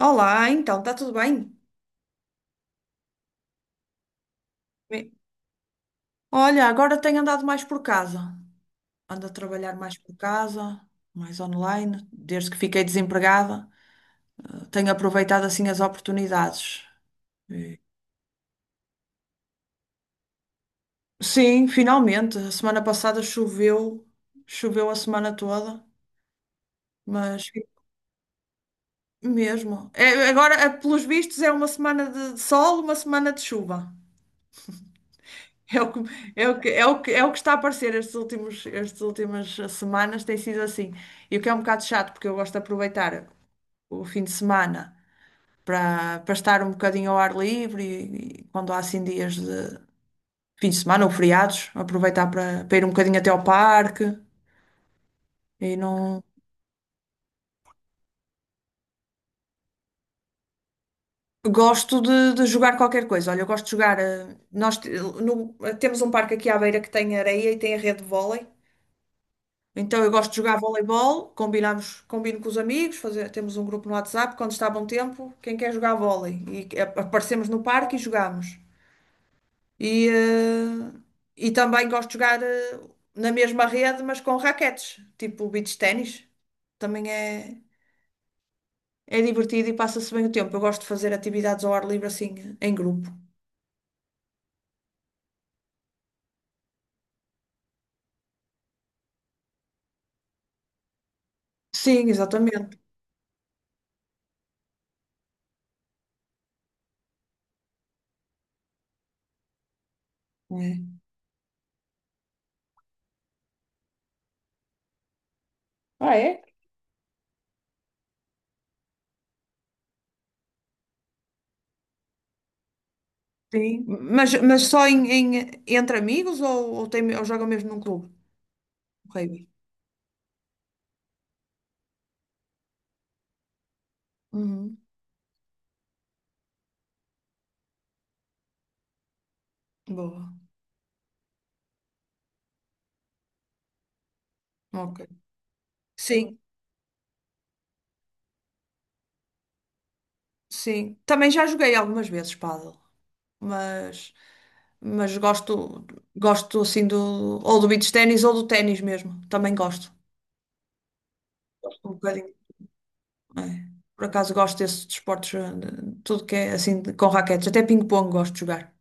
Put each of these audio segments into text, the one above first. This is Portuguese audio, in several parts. Olá, então, está tudo bem? Bem, olha, agora tenho andado mais por casa. Ando a trabalhar mais por casa, mais online, desde que fiquei desempregada. Tenho aproveitado assim as oportunidades. E- Sim, finalmente. A semana passada choveu, choveu a semana toda, mas mesmo. É, agora, é, pelos vistos, é uma semana de sol, uma semana de chuva. É o que, é o que está a aparecer estas últimas semanas tem sido assim. E o que é um bocado chato, porque eu gosto de aproveitar o fim de semana para estar um bocadinho ao ar livre e quando há assim dias de fim de semana ou feriados, aproveitar para ir um bocadinho até ao parque e não. Gosto de jogar qualquer coisa. Olha, eu gosto de jogar. Eh, Nós te- no- temos um parque aqui à beira que tem areia e tem a rede de vôlei. Então eu gosto de jogar voleibol, combino com os amigos, temos um grupo no WhatsApp, quando está bom tempo, quem quer jogar vôlei? Aparecemos no parque e jogamos. E, eh, e também gosto de jogar na mesma rede, mas com raquetes, tipo beach ténis. Também é divertido e passa-se bem o tempo. Eu gosto de fazer atividades ao ar livre assim, em grupo. Sim, exatamente. É. Ah, é? Sim. Mas só em, entre amigos ou jogam mesmo num clube? Ok. Uhum. Boa. Ok. Sim, sim. Também já joguei algumas vezes pádel, mas mas gosto assim do ou do beach ténis ou do ténis mesmo. Também gosto. Gosto um bocadinho. É. Por acaso gosto desses desportos, tudo que é assim com raquetes, até ping-pong gosto de jogar.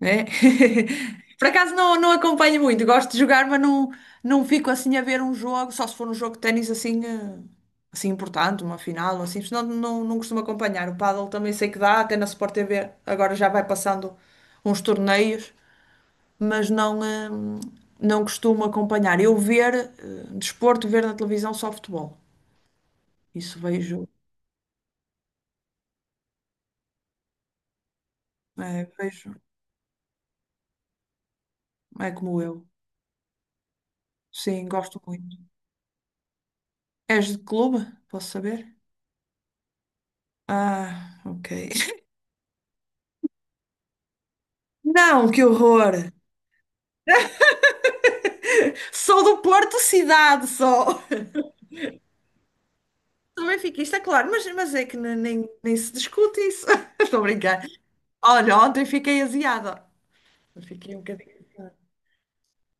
É? Por acaso não acompanho muito, gosto de jogar, mas não fico assim a ver um jogo, só se for um jogo de ténis assim importante, uma final, ou assim, senão não costumo acompanhar. O pádel também sei que dá, até na Sport TV agora já vai passando uns torneios, mas não costumo acompanhar. Eu ver, desporto, ver na televisão só futebol. Isso vejo, é como eu. Sim, gosto muito. És de clube? Posso saber? Ah, ok. Não, que horror! Sou do Porto cidade, só. Sou benfiquista, claro, mas é que nem se discute isso. Estou a brincar. Olha, ontem fiquei aziada. Fiquei um bocadinho aziada.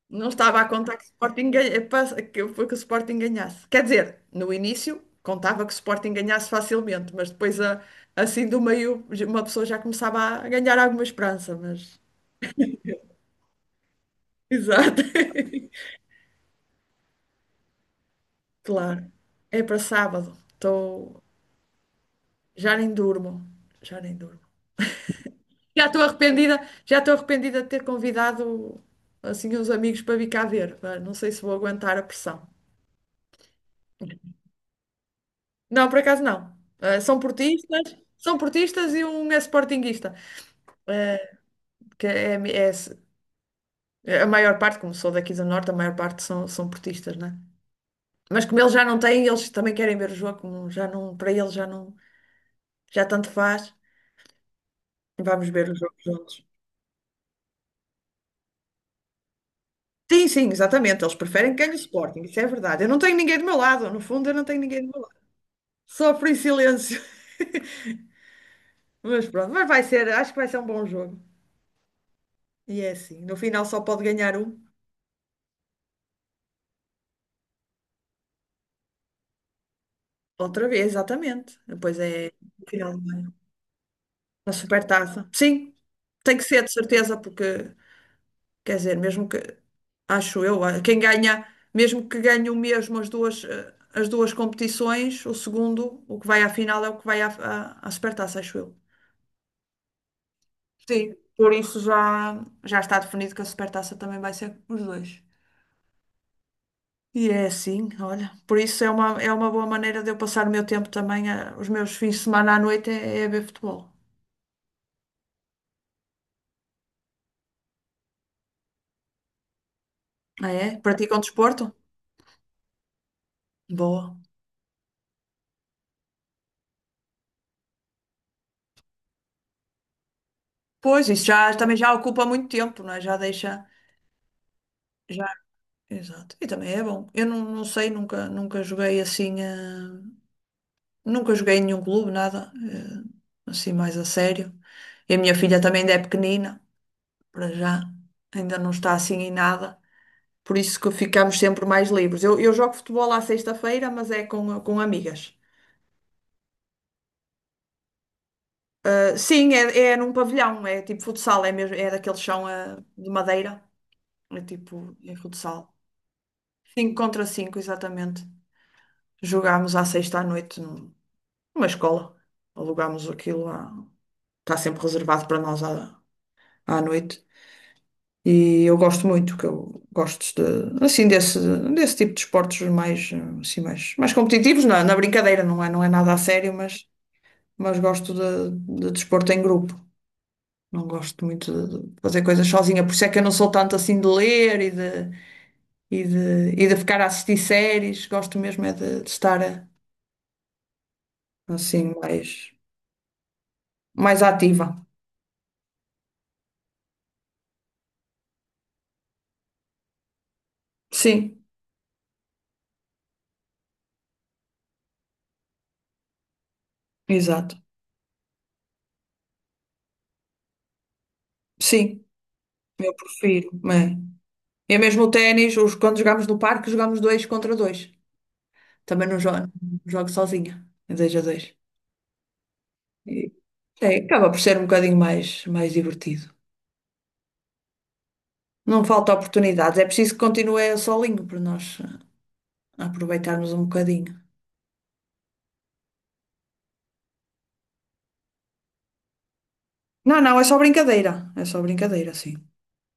Não estava a contar que o Sporting, que o Sporting ganhasse. Quer dizer, no início contava que o Sporting ganhasse facilmente, mas depois, assim do meio, uma pessoa já começava a ganhar alguma esperança. Mas... Exato. Claro. É para sábado. Estou Já nem durmo, já nem durmo. Já estou arrependida, já estou arrependida de ter convidado assim uns amigos para vir cá ver. Ah, não sei se vou aguentar a pressão. Não, por acaso não. Ah, são portistas, são portistas e um é sportinguista, que é a maior parte, como sou daqui do Norte, a maior parte são portistas, né? Mas como eles já não têm, eles também querem ver o jogo, como já não, para eles já não, já tanto faz. Vamos ver os jogos juntos. Sim, sim, exatamente. Eles preferem que ganhe o Sporting, isso é verdade. Eu não tenho ninguém do meu lado, no fundo, eu não tenho ninguém do meu lado. Sofro em silêncio. Mas pronto, acho que vai ser um bom jogo. E é assim, no final só pode ganhar um. Outra vez, exatamente. Depois é no final na supertaça. Sim, tem que ser de certeza, porque quer dizer, mesmo que acho eu, quem ganha, mesmo que ganhe o mesmo as duas, as duas competições, o segundo, o que vai à final é o que vai à supertaça, acho eu. Sim, por isso já está definido que a Supertaça também vai ser os dois. E é assim, olha. Por isso é uma, boa maneira de eu passar o meu tempo também, os meus fins de semana à noite é a ver futebol. Ah, é? Praticam desporto? Boa. Pois, isso já, também já ocupa muito tempo, não é? Já deixa. Já, exato. E também é bom. Eu não sei, nunca joguei assim, nunca joguei em nenhum clube, nada, assim mais a sério. E a minha filha também ainda é pequenina. Para já ainda não está assim em nada, por isso que ficamos sempre mais livres. Eu jogo futebol à sexta-feira, mas é com amigas. Ah, sim, é num pavilhão, é tipo futsal, é mesmo, é daquele chão de madeira, é futsal. Cinco contra cinco, exatamente. Jogámos à sexta à noite numa escola, alugámos aquilo, está sempre reservado para nós à noite. E eu gosto muito, que eu gosto assim desse tipo de esportes assim, mais competitivos, na brincadeira, não é nada a sério, mas gosto de desporto em grupo. Não gosto muito de fazer coisas sozinha, por isso é que eu não sou tanto assim de ler e de ficar a assistir séries. Gosto mesmo é de estar assim, mais ativa. Sim, exato. Sim, eu prefiro. É. E mesmo o ténis, quando jogamos no parque, jogamos dois contra dois. Também não jogo sozinha, em 2 a 2. E, é, acaba por ser um bocadinho mais divertido. Não falta oportunidades, é preciso que continue solinho para nós aproveitarmos um bocadinho. Não, não, é só brincadeira, sim.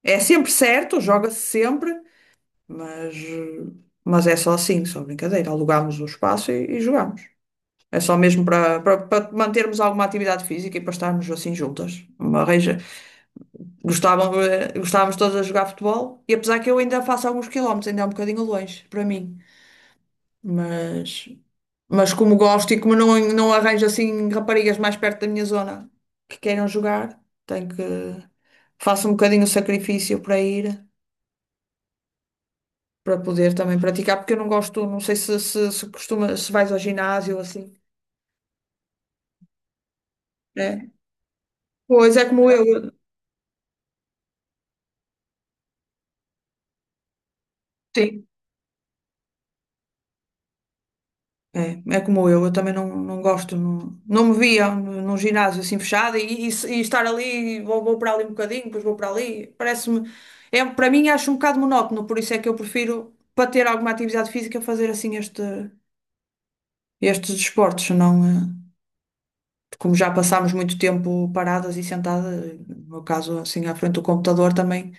É sempre certo, joga-se sempre, mas, eh, mas é só assim, só brincadeira. Alugamos o espaço e jogamos. É só mesmo para mantermos alguma atividade física e para estarmos assim juntas. Uma gostávamos todos a jogar futebol e apesar que eu ainda faço alguns quilómetros, ainda é um bocadinho longe para mim, mas, mas, como gosto e como não arranjo assim raparigas mais perto da minha zona que queiram jogar, tenho que faço um bocadinho o sacrifício para ir, para poder também praticar, porque eu não gosto, não sei se vais ao ginásio ou assim, né? Pois é como eu. Sim. É como eu também não gosto, não me via num ginásio assim fechado e estar ali, vou para ali um bocadinho, depois vou para ali, parece-me, é, para mim acho um bocado monótono, por isso é que eu prefiro, para ter alguma atividade física, fazer assim estes desportos, senão como já passámos muito tempo paradas e sentadas, no meu caso assim à frente do computador também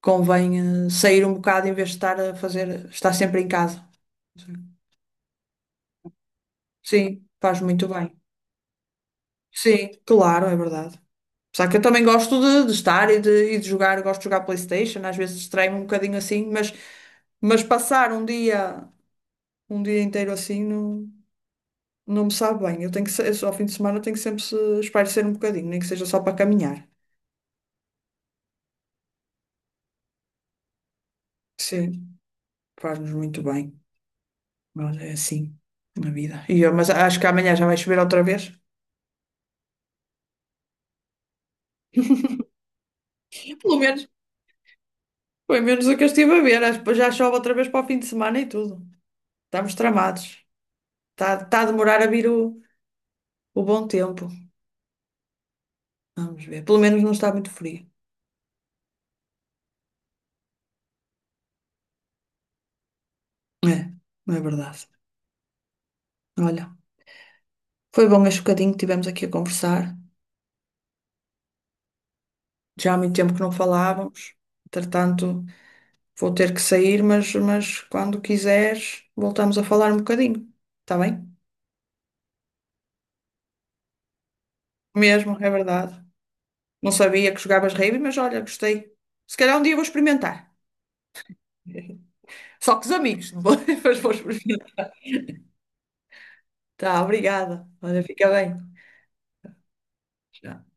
convém sair um bocado em vez de estar sempre em casa. Sim, faz muito bem. Sim, claro, é verdade. Só que eu também gosto de estar e de jogar, gosto de jogar PlayStation, às vezes distraio-me um bocadinho assim, mas passar um dia inteiro assim não me sabe bem. Eu tenho que, se- ao fim de semana tenho que sempre se espairecer um bocadinho, nem que seja só para caminhar. Sim, faz-nos muito bem, mas é assim na vida. Mas acho que amanhã já vai chover outra vez. Pelo menos, foi menos o que eu estive a ver. Acho que já chove outra vez para o fim de semana e tudo. Estamos tramados. Está a demorar a vir o bom tempo. Vamos ver. Pelo menos não está muito frio. É, não é verdade. Olha, foi bom este bocadinho que tivemos aqui a conversar. Já há muito tempo que não falávamos. Entretanto, vou ter que sair, mas quando quiseres, voltamos a falar um bocadinho. Está bem? Mesmo, é verdade. Não sabia que jogavas rave, mas olha, gostei. Se calhar um dia vou experimentar. Só com os amigos, não vou, mas vou experimentar. Tá, obrigada. Olha, fica bem. Tchau.